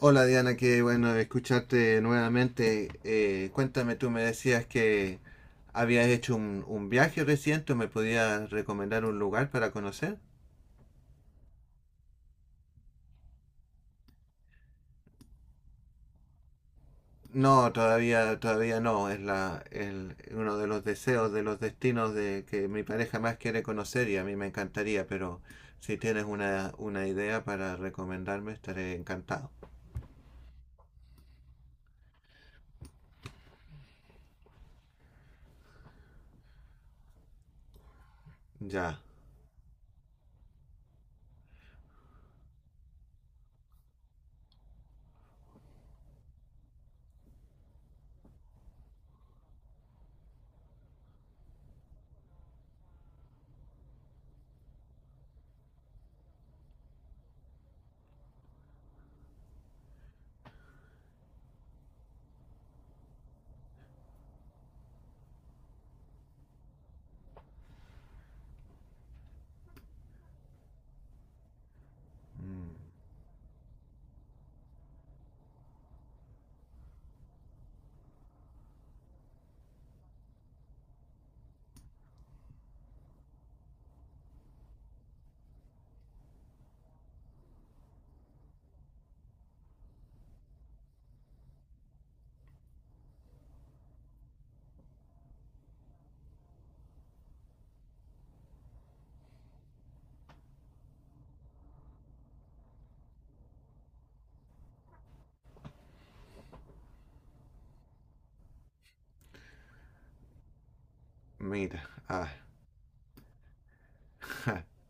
Hola Diana, qué bueno escucharte nuevamente. Cuéntame, tú me decías que habías hecho un viaje reciente, ¿me podías recomendar un lugar para conocer? No, todavía no. Es uno de los deseos, de los destinos de que mi pareja más quiere conocer y a mí me encantaría, pero si tienes una idea para recomendarme, estaré encantado. Ya. Mm. Mira. Ah.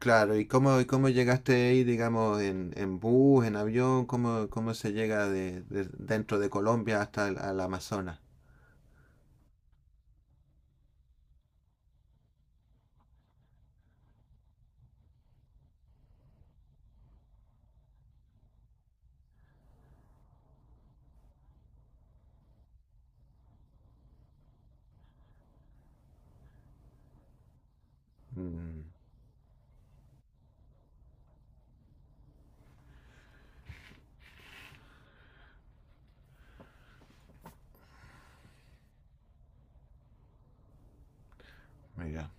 Claro, ¿y cómo llegaste ahí, digamos, en bus, en avión? ¿Cómo se llega dentro de Colombia hasta el al Amazonas? Mm, mira,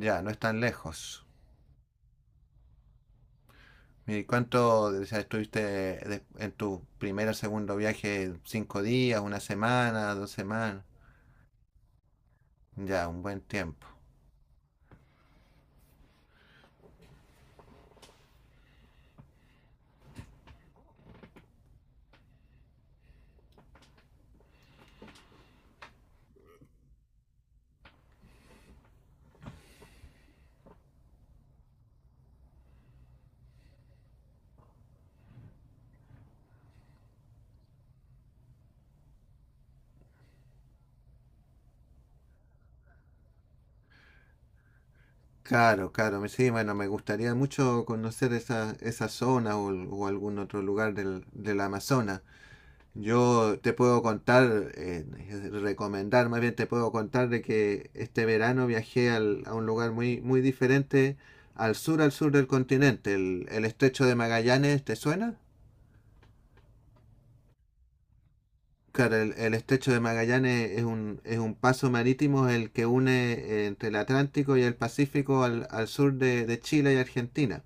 ya, no es tan lejos. ¿Y cuánto, o sea, en tu primer o segundo viaje? ¿Cinco días, una semana, dos semanas? Ya, un buen tiempo. Claro, claro, sí, bueno, me gustaría mucho conocer esa zona o algún otro lugar del Amazonas. Yo te puedo contar, recomendar, más bien te puedo contar de que este verano a un lugar muy, muy diferente al sur del continente. El estrecho de Magallanes, ¿te suena? Claro, el estrecho de Magallanes es un paso marítimo el que une entre el Atlántico y el Pacífico al sur de Chile y Argentina.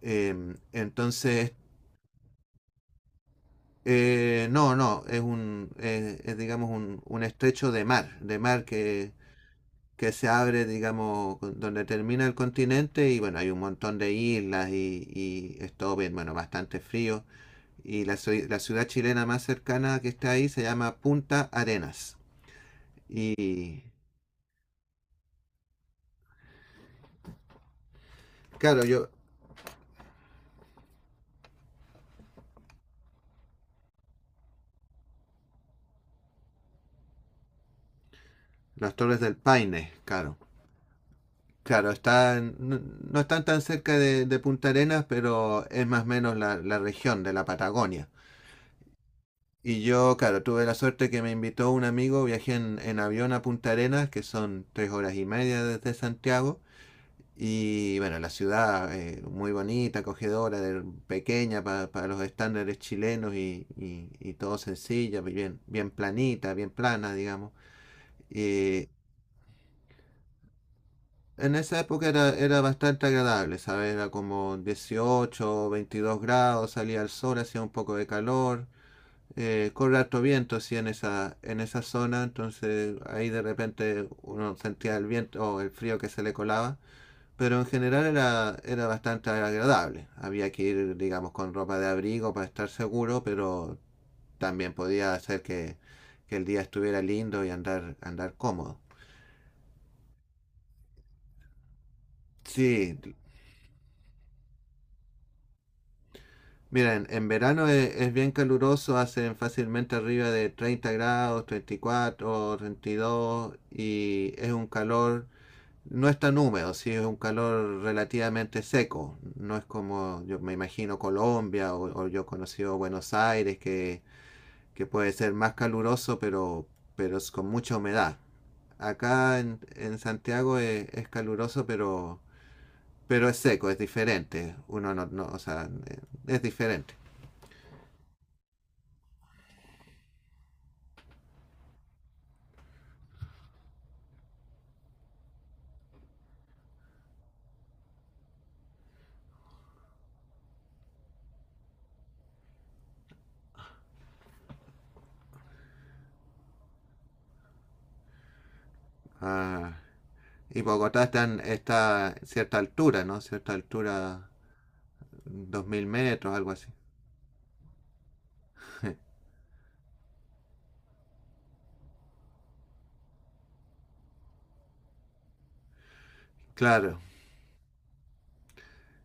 Entonces, no, es un, es, digamos un estrecho de mar que se abre, digamos, donde termina el continente y bueno, hay un montón de islas y es todo bien, bueno, bastante frío. Y la ciudad chilena más cercana que está ahí se llama Punta Arenas. Y claro, yo, las Torres del Paine, claro. Claro, están, no, no están tan cerca de Punta Arenas, pero es más o menos la región de la Patagonia. Y yo, claro, tuve la suerte que me invitó un amigo, viajé en avión a Punta Arenas, que son tres horas y media desde Santiago. Y bueno, la ciudad muy bonita, acogedora, para los estándares chilenos y, y todo sencilla, bien, bien planita, bien plana, digamos. Y en esa época era, era bastante agradable, ¿sabes? Era como 18 o 22 grados, salía el sol, hacía un poco de calor, corre harto viento, sí, en esa zona, entonces ahí de repente uno sentía el viento o el frío que se le colaba. Pero en general era, era bastante agradable. Había que ir, digamos, con ropa de abrigo para estar seguro, pero también podía hacer que el día estuviera lindo y andar, andar cómodo. Sí, miren, en verano es bien caluroso, hacen fácilmente arriba de 30 grados, 34, 32 y dos, y es un calor... No es tan húmedo, sí, es un calor relativamente seco. No es como, yo me imagino, Colombia o yo he conocido Buenos Aires, que puede ser más caluroso, pero es con mucha humedad. Acá en Santiago es caluroso, pero es seco, es diferente. Uno no, no o sea, es diferente. Ah, y Bogotá está en esta cierta altura, ¿no? Cierta altura, 2000 metros, algo así. Claro.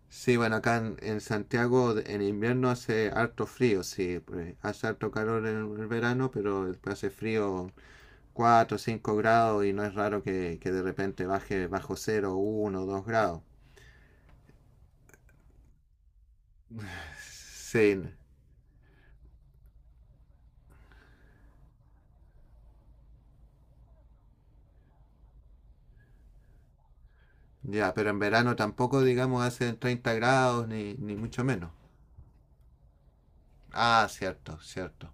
Sí, bueno, acá en Santiago en invierno hace harto frío, sí, pues, hace harto calor en el verano, pero después hace frío 4 o 5 grados y no es raro que de repente baje bajo 0, 1, 2 grados. Sí, ya, pero en verano tampoco, digamos, hacen 30 grados ni, ni mucho menos. Ah, cierto, cierto.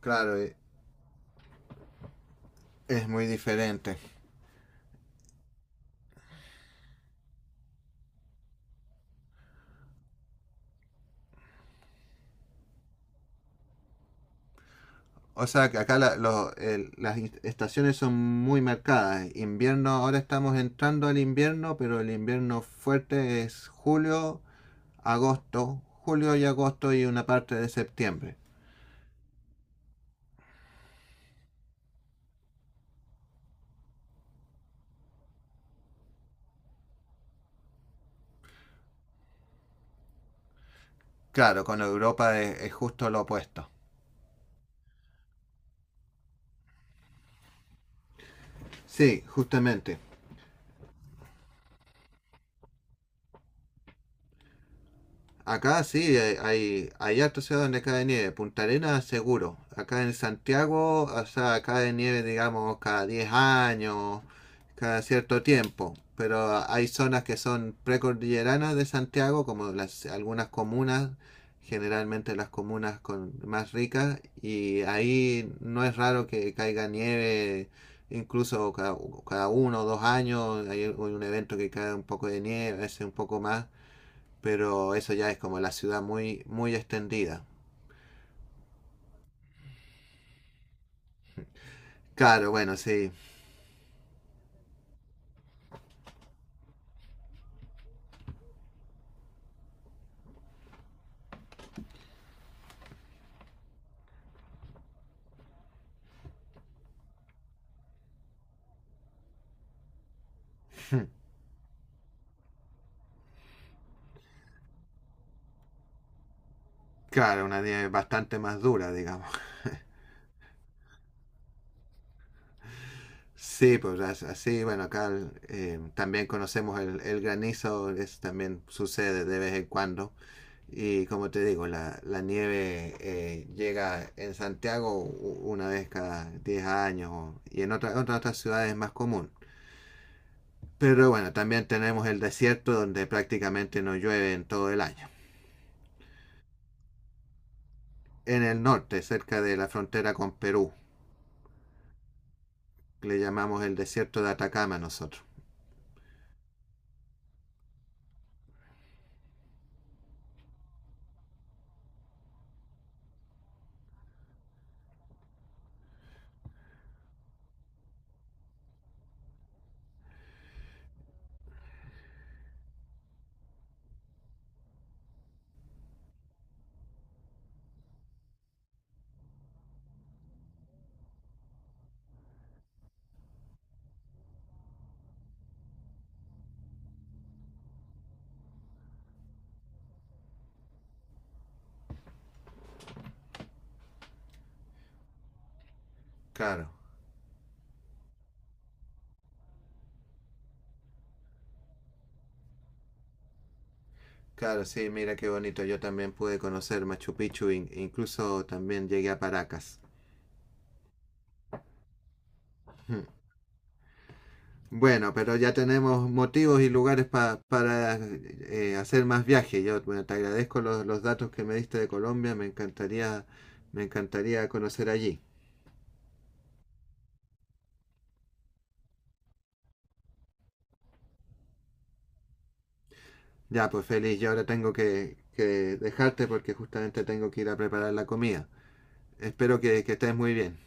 Claro, es muy diferente. O sea, que acá las estaciones son muy marcadas. Invierno, ahora estamos entrando al invierno, pero el invierno fuerte es julio, agosto, julio y agosto y una parte de septiembre. Claro, con Europa es justo lo opuesto. Sí, justamente. Acá sí, hay hartos ciudades donde cae nieve. Punta Arenas, seguro. Acá en Santiago, o sea, cae nieve, digamos, cada 10 años, cada cierto tiempo. Pero hay zonas que son precordilleranas de Santiago, como las, algunas comunas, generalmente las comunas con, más ricas, y ahí no es raro que caiga nieve, incluso cada, cada 1 o 2 años, hay un evento que cae un poco de nieve, a veces un poco más. Pero eso ya es como la ciudad muy, muy extendida. Claro, bueno, sí. Claro, una nieve bastante más dura, digamos. Sí, pues así, bueno, acá también conocemos el granizo, eso también sucede de vez en cuando. Y como te digo, la nieve llega en Santiago una vez cada 10 años y en otras ciudades es más común. Pero bueno, también tenemos el desierto donde prácticamente no llueve en todo el año. En el norte, cerca de la frontera con Perú. Le llamamos el desierto de Atacama nosotros. Claro, claro, sí, mira qué bonito. Yo también pude conocer Machu Picchu e incluso también llegué a Paracas. Bueno, pero ya tenemos motivos y lugares para hacer más viajes. Yo bueno, te agradezco los datos que me diste de Colombia. Me encantaría conocer allí. Ya, pues feliz. Yo ahora tengo que dejarte porque justamente tengo que ir a preparar la comida. Espero que estés muy bien.